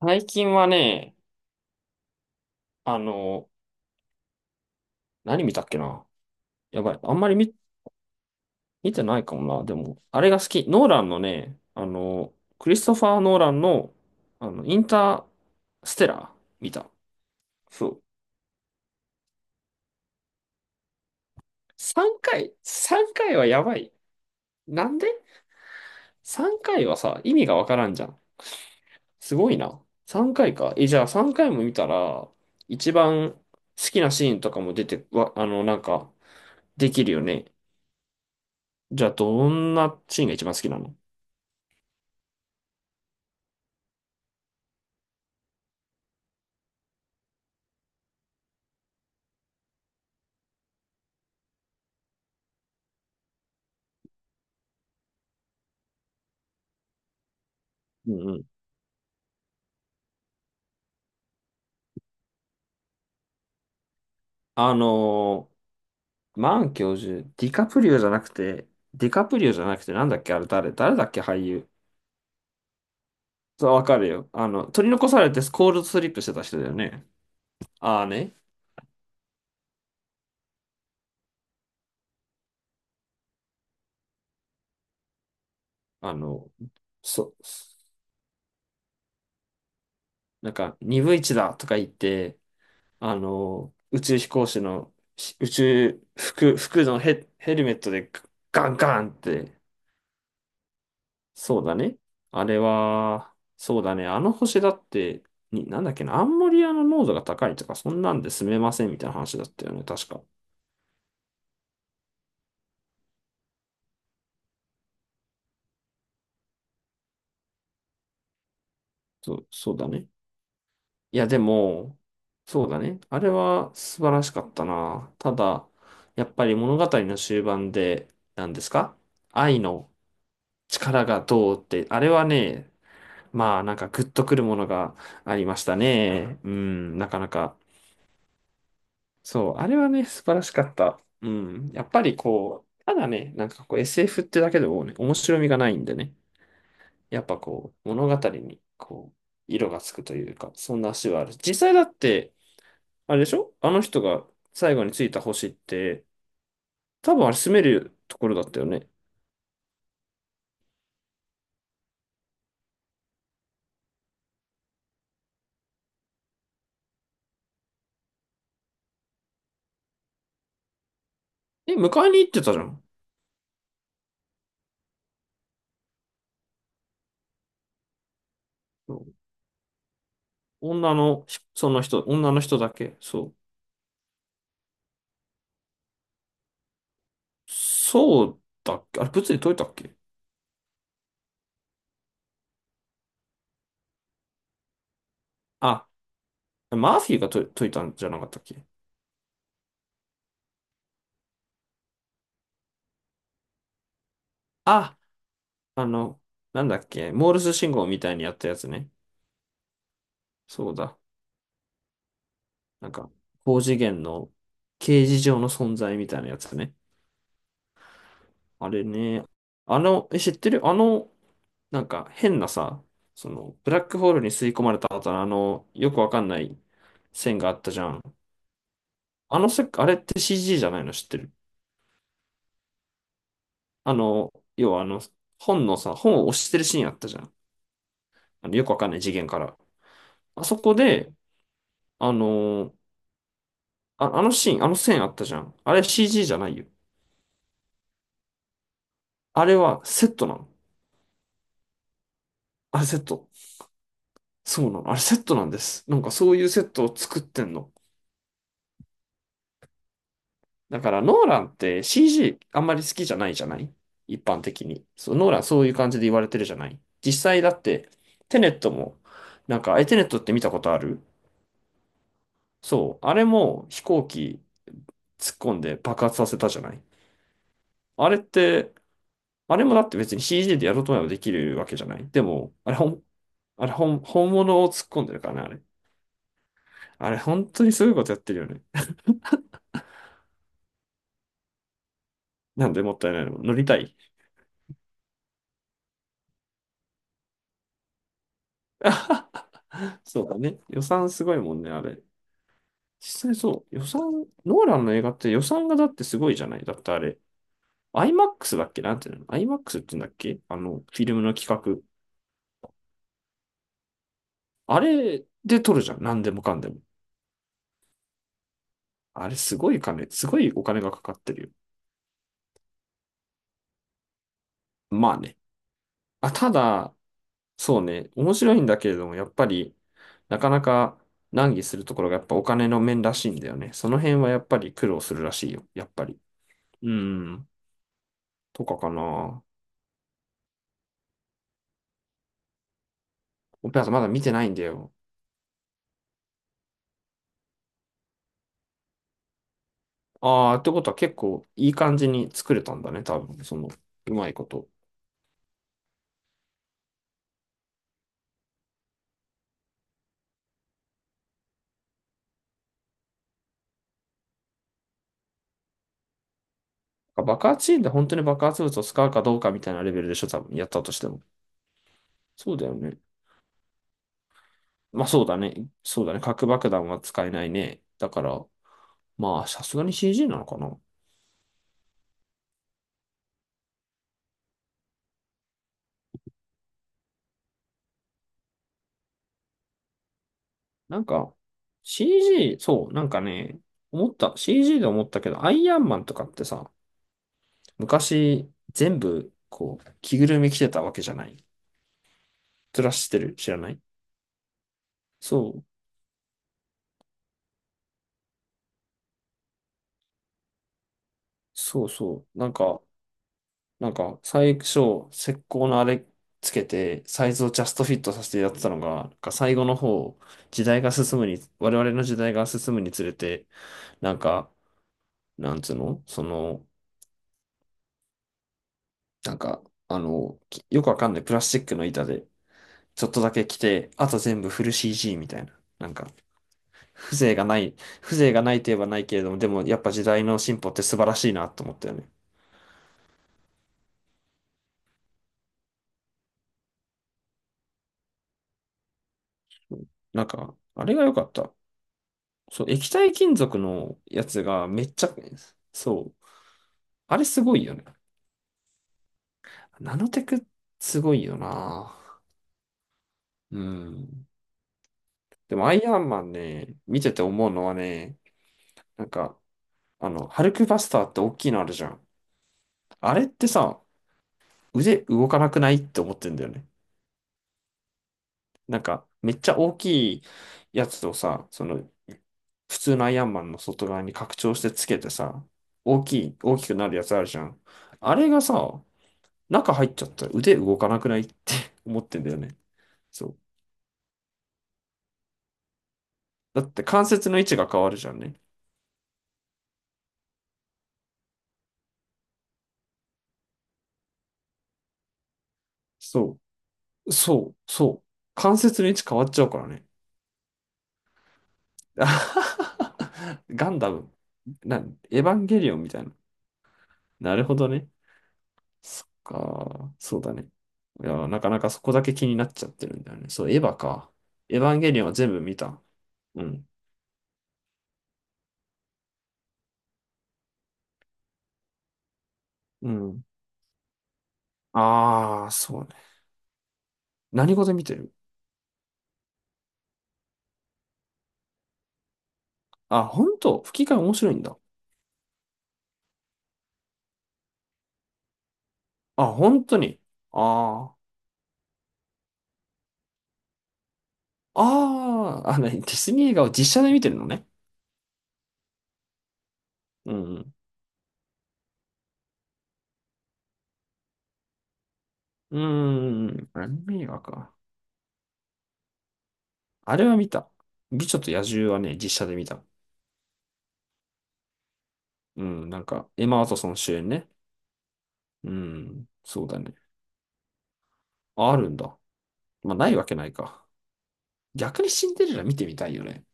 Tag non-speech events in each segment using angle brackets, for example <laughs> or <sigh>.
最近はね、あの、何見たっけな。やばい。あんまり見てないかもな。でも、あれが好き。ノーランのね、クリストファー・ノーランの、インターステラー見た。そう。3回、3回はやばい。なんで？ 3 回はさ、意味がわからんじゃん。すごいな。3回かいか。え、じゃあ3回も見たら、一番好きなシーンとかも出て、わ、あの、なんか、できるよね。じゃあ、どんなシーンが一番好きなの？うん。あのマン教授、ディカプリオじゃなくて、ディカプリオじゃなくて、なんだっけ、あれ誰だっけ、俳優。そう、わかるよ。取り残されてスコールドスリップしてた人だよね。ああね、あの、そ、なんか、2分1だとか言って、宇宙飛行士のし宇宙服、服のヘルメットでガンガンって、そうだね。あれは、そうだね。あの星だって、なんだっけな、アンモニアの濃度が高いとか、そんなんで住めませんみたいな話だったよね、確か。そう、そうだね。いや、でも、そうだね。あれは素晴らしかったな。ただ、やっぱり物語の終盤で、何ですか、愛の力がどうって、あれはね、まあ、なんかグッとくるものがありましたね。うん、なかなか。そう、あれはね、素晴らしかった。うん。やっぱりこう、ただね、なんかこう SF ってだけでもね、面白みがないんでね、やっぱこう、物語にこう、色がつくというか、そんな足はある。実際だって、あれでしょ、あの人が最後についた星って、多分あれ住めるところだったよね。え、迎えに行ってたじゃん。そう、女の、その人、女の人だけ。そう。そうだっけ？あれ、物理解いたっけ？あ、マーフィーが解いたんじゃなかったっけ？ああ、なんだっけ、モールス信号みたいにやったやつね。そうだ。なんか、高次元の形而上の存在みたいなやつね。あれね。知ってる？なんか変なさ、その、ブラックホールに吸い込まれた後のよくわかんない線があったじゃん。あのせ、あれって CG じゃないの、知ってる？要は本のさ、本を押してるシーンあったじゃん。よくわかんない次元から。あそこで、あのあのシーン、あの線あったじゃん。あれ CG じゃないよ。あれはセットなの。あれセット。そうなの。あれセットなんです。なんかそういうセットを作ってんの。だからノーランって CG あんまり好きじゃないじゃない？一般的に。そう、ノーランそういう感じで言われてるじゃない？実際だってテネットも、なんか、え、テネットって見たことある？そう。あれも飛行機突っ込んで爆発させたじゃない？あれって、あれもだって別に CG でやろうと思えばできるわけじゃない？でも、あれほんあれ、本、本物を突っ込んでるからね、あれ。あれ、本当にすごいことやってるよね。なんでもったいないの。乗りたい。<laughs> そうだね。予算すごいもんね、あれ。実際そう。予算、ノーランの映画って予算がだってすごいじゃない。だってあれ、IMAX だっけ？なんていうの？ IMAX って言うんだっけ？フィルムの企画。あれで撮るじゃん。なんでもかんでも。あれ、すごいお金がかかってるよ。まあね。あ、ただ、そうね、面白いんだけれども、やっぱり、なかなか難儀するところがやっぱお金の面らしいんだよね。その辺はやっぱり苦労するらしいよ、やっぱり。うん、とかかな。オペラ座まだ見てないんだよ。ああ、ってことは結構いい感じに作れたんだね、多分、その、うまいこと。爆発シーンで本当に爆発物を使うかどうかみたいなレベルでしょ、多分、やったとしても。そうだよね。まあそうだね。そうだね。核爆弾は使えないね。だから、まあ、さすがに CG なのかな。なんか、CG、そう、なんかね、思った、CG で思ったけど、アイアンマンとかってさ、昔、全部、こう、着ぐるみ着てたわけじゃない。ずらしてる、知らない？そう、そうそう。なんか、最初、石膏のあれつけて、サイズをジャストフィットさせてやってたのが、なんか最後の方、時代が進むに、我々の時代が進むにつれて、なんか、なんつうのその、なんか、よくわかんないプラスチックの板で、ちょっとだけ来て、あと全部フル CG みたいな。なんか、風情がない、風情がないといえばないけれども、でもやっぱ時代の進歩って素晴らしいなと思ったよね。うん、なんか、あれが良かった。そう、液体金属のやつがめっちゃ、そう、あれすごいよね。ナノテクすごいよな。うん。でもアイアンマンね、見てて思うのはね、なんか、ハルクバスターって大きいのあるじゃん。あれってさ、腕動かなくないって思ってんだよね。なんか、めっちゃ大きいやつをさ、その、普通のアイアンマンの外側に拡張してつけてさ、大きくなるやつあるじゃん。あれがさ、中入っちゃったら腕動かなくないって <laughs> 思ってんだよね。そう。だって関節の位置が変わるじゃんね。そう。そう。そう。関節の位置変わっちゃうからね。<laughs> ガンダム。な、エヴァンゲリオンみたいな。なるほどね。そっか、そうだね。いや、なかなかそこだけ気になっちゃってるんだよね。そう、エヴァか。エヴァンゲリオンは全部見た。うん。うん。ああ、そうね。何語で見てる？あ、本当？吹き替え面白いんだ。あ、本当に。ああ。ああ、ディズニー映画を実写で見てるのね。うん。うん。うーん。アニメ映画か。あれは見た。美女と野獣はね、実写で見た。うん。なんか、エマ・ワトソン主演ね。うん。そうだね。あ、あるんだ。まあ、ないわけないか。逆にシンデレラ見てみたいよね。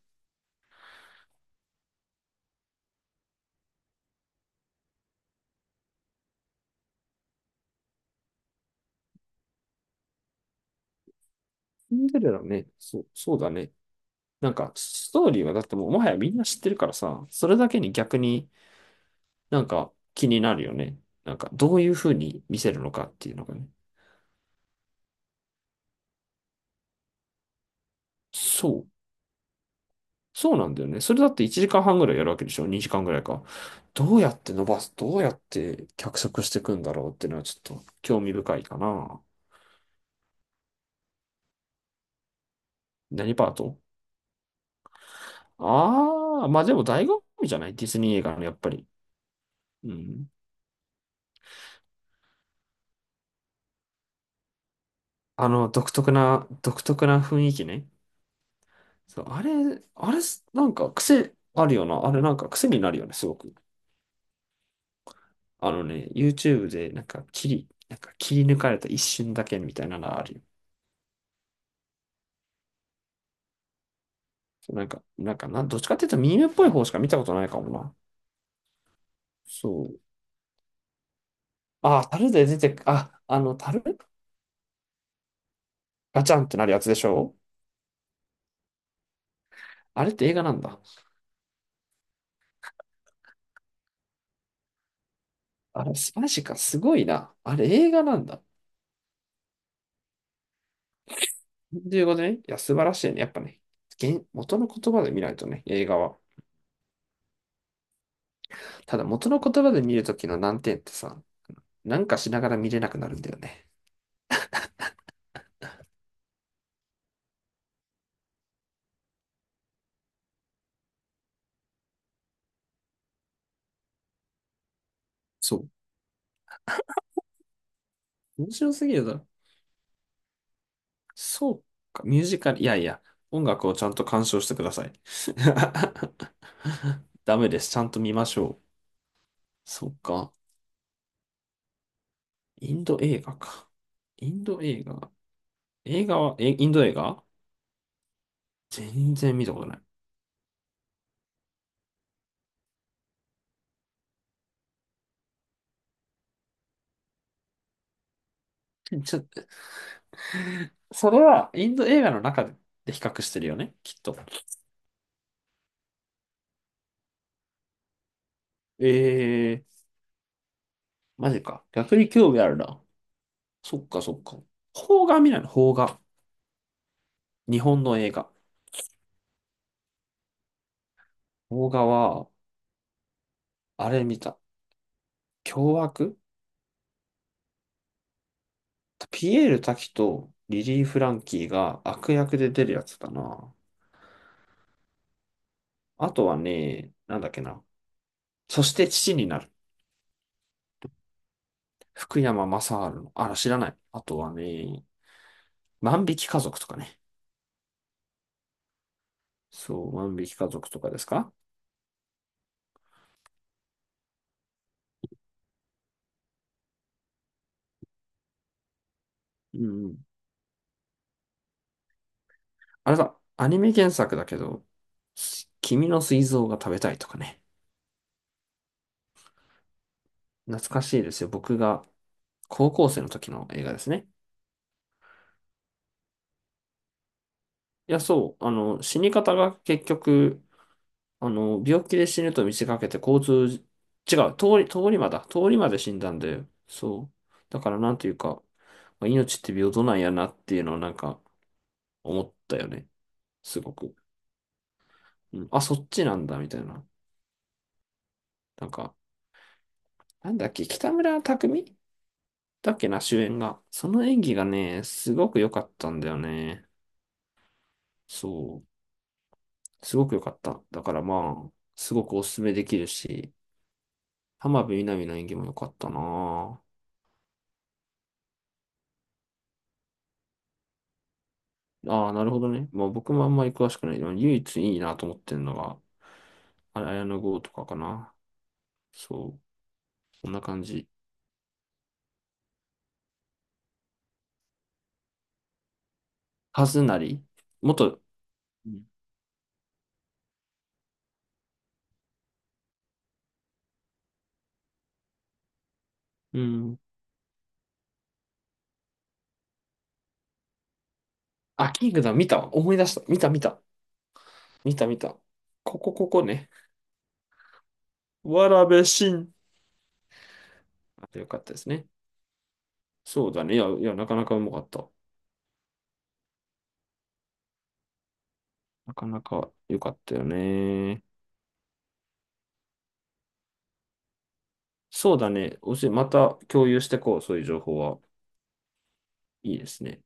シンデレラね、そう、そうだね。なんか、ストーリーはだってもう、もはやみんな知ってるからさ、それだけに逆になんか気になるよね。なんか、どういう風に見せるのかっていうのがね。そう。そうなんだよね。それだって1時間半ぐらいやるわけでしょ？ 2 時間ぐらいか。どうやって脚色していくんだろうっていうのはちょっと興味深いかな。何パート？ああー、まあでも醍醐味じゃない、ディズニー映画の、やっぱり。うん。独特な、独特な雰囲気ね。そう、あれ、なんか癖あるよな。あれ、なんか癖になるよね、すごく。YouTube で、切り抜かれた一瞬だけみたいなのあるよ。なんか、なんかな、どっちかっていうとミームっぽい方しか見たことないかもな。そう。樽で出てく、樽ガチャンってなるやつでしょ。あれって映画なんだ。あれ、素晴らしいか、すごいな。あれ、映画なんだ。ということね。いや、素晴らしいね。やっぱね、原元の言葉で見ないとね、映画は。ただ元の言葉で見るときの難点ってさ、なんかしながら見れなくなるんだよね。そう。面白すぎるだろ。そうか、ミュージカル、いやいや、音楽をちゃんと鑑賞してください。<laughs> ダメです。ちゃんと見ましょう。そうか。インド映画か。インド映画。映画は、インド映画全然見たことない。それはインド映画の中で比較してるよね、きっと。えー、マジか。逆に興味あるな。そっかそっか。邦画見ないの邦画。日本の映画。邦画は、あれ見た。凶悪、ピエール瀧とリリー・フランキーが悪役で出るやつだな。あとはね、なんだっけな。そして父になる。福山雅治の。あら、知らない。あとはね、万引き家族とかね。そう、万引き家族とかですか。うんうん。あれだ、アニメ原作だけど、君の膵臓が食べたいとかね。懐かしいですよ。僕が高校生の時の映画ですね。いや、そう。死に方が結局、病気で死ぬと見せかけて交通、違う、通り魔だ。通り魔で死んだんだよ。そう。だからなんていうか、まあ命って平等なんやなっていうのをなんか思ったよね。すごく。うん、あ、そっちなんだ、みたいな。なんか、なんだっけ、北村匠海だっけな、主演が。その演技がね、すごく良かったんだよね。そう。すごく良かった。だからまあ、すごくおすすめできるし、浜辺美波の演技も良かったなぁ。ああ、なるほどね。まあ僕もあんまり詳しくない。でも唯一いいなと思ってるのが、あれ、綾野剛とかかな。そう、こんな感じ。はずなり元、うんうん。あ、キングダム見たわ。思い出した。見た見た。見た見た。ここここね。わべしんあとよかったですね。そうだね。いや、いや、なかなかうまかった。なかなか良かったよね。そうだね。おし、また共有してこう。そういう情報は。いいですね。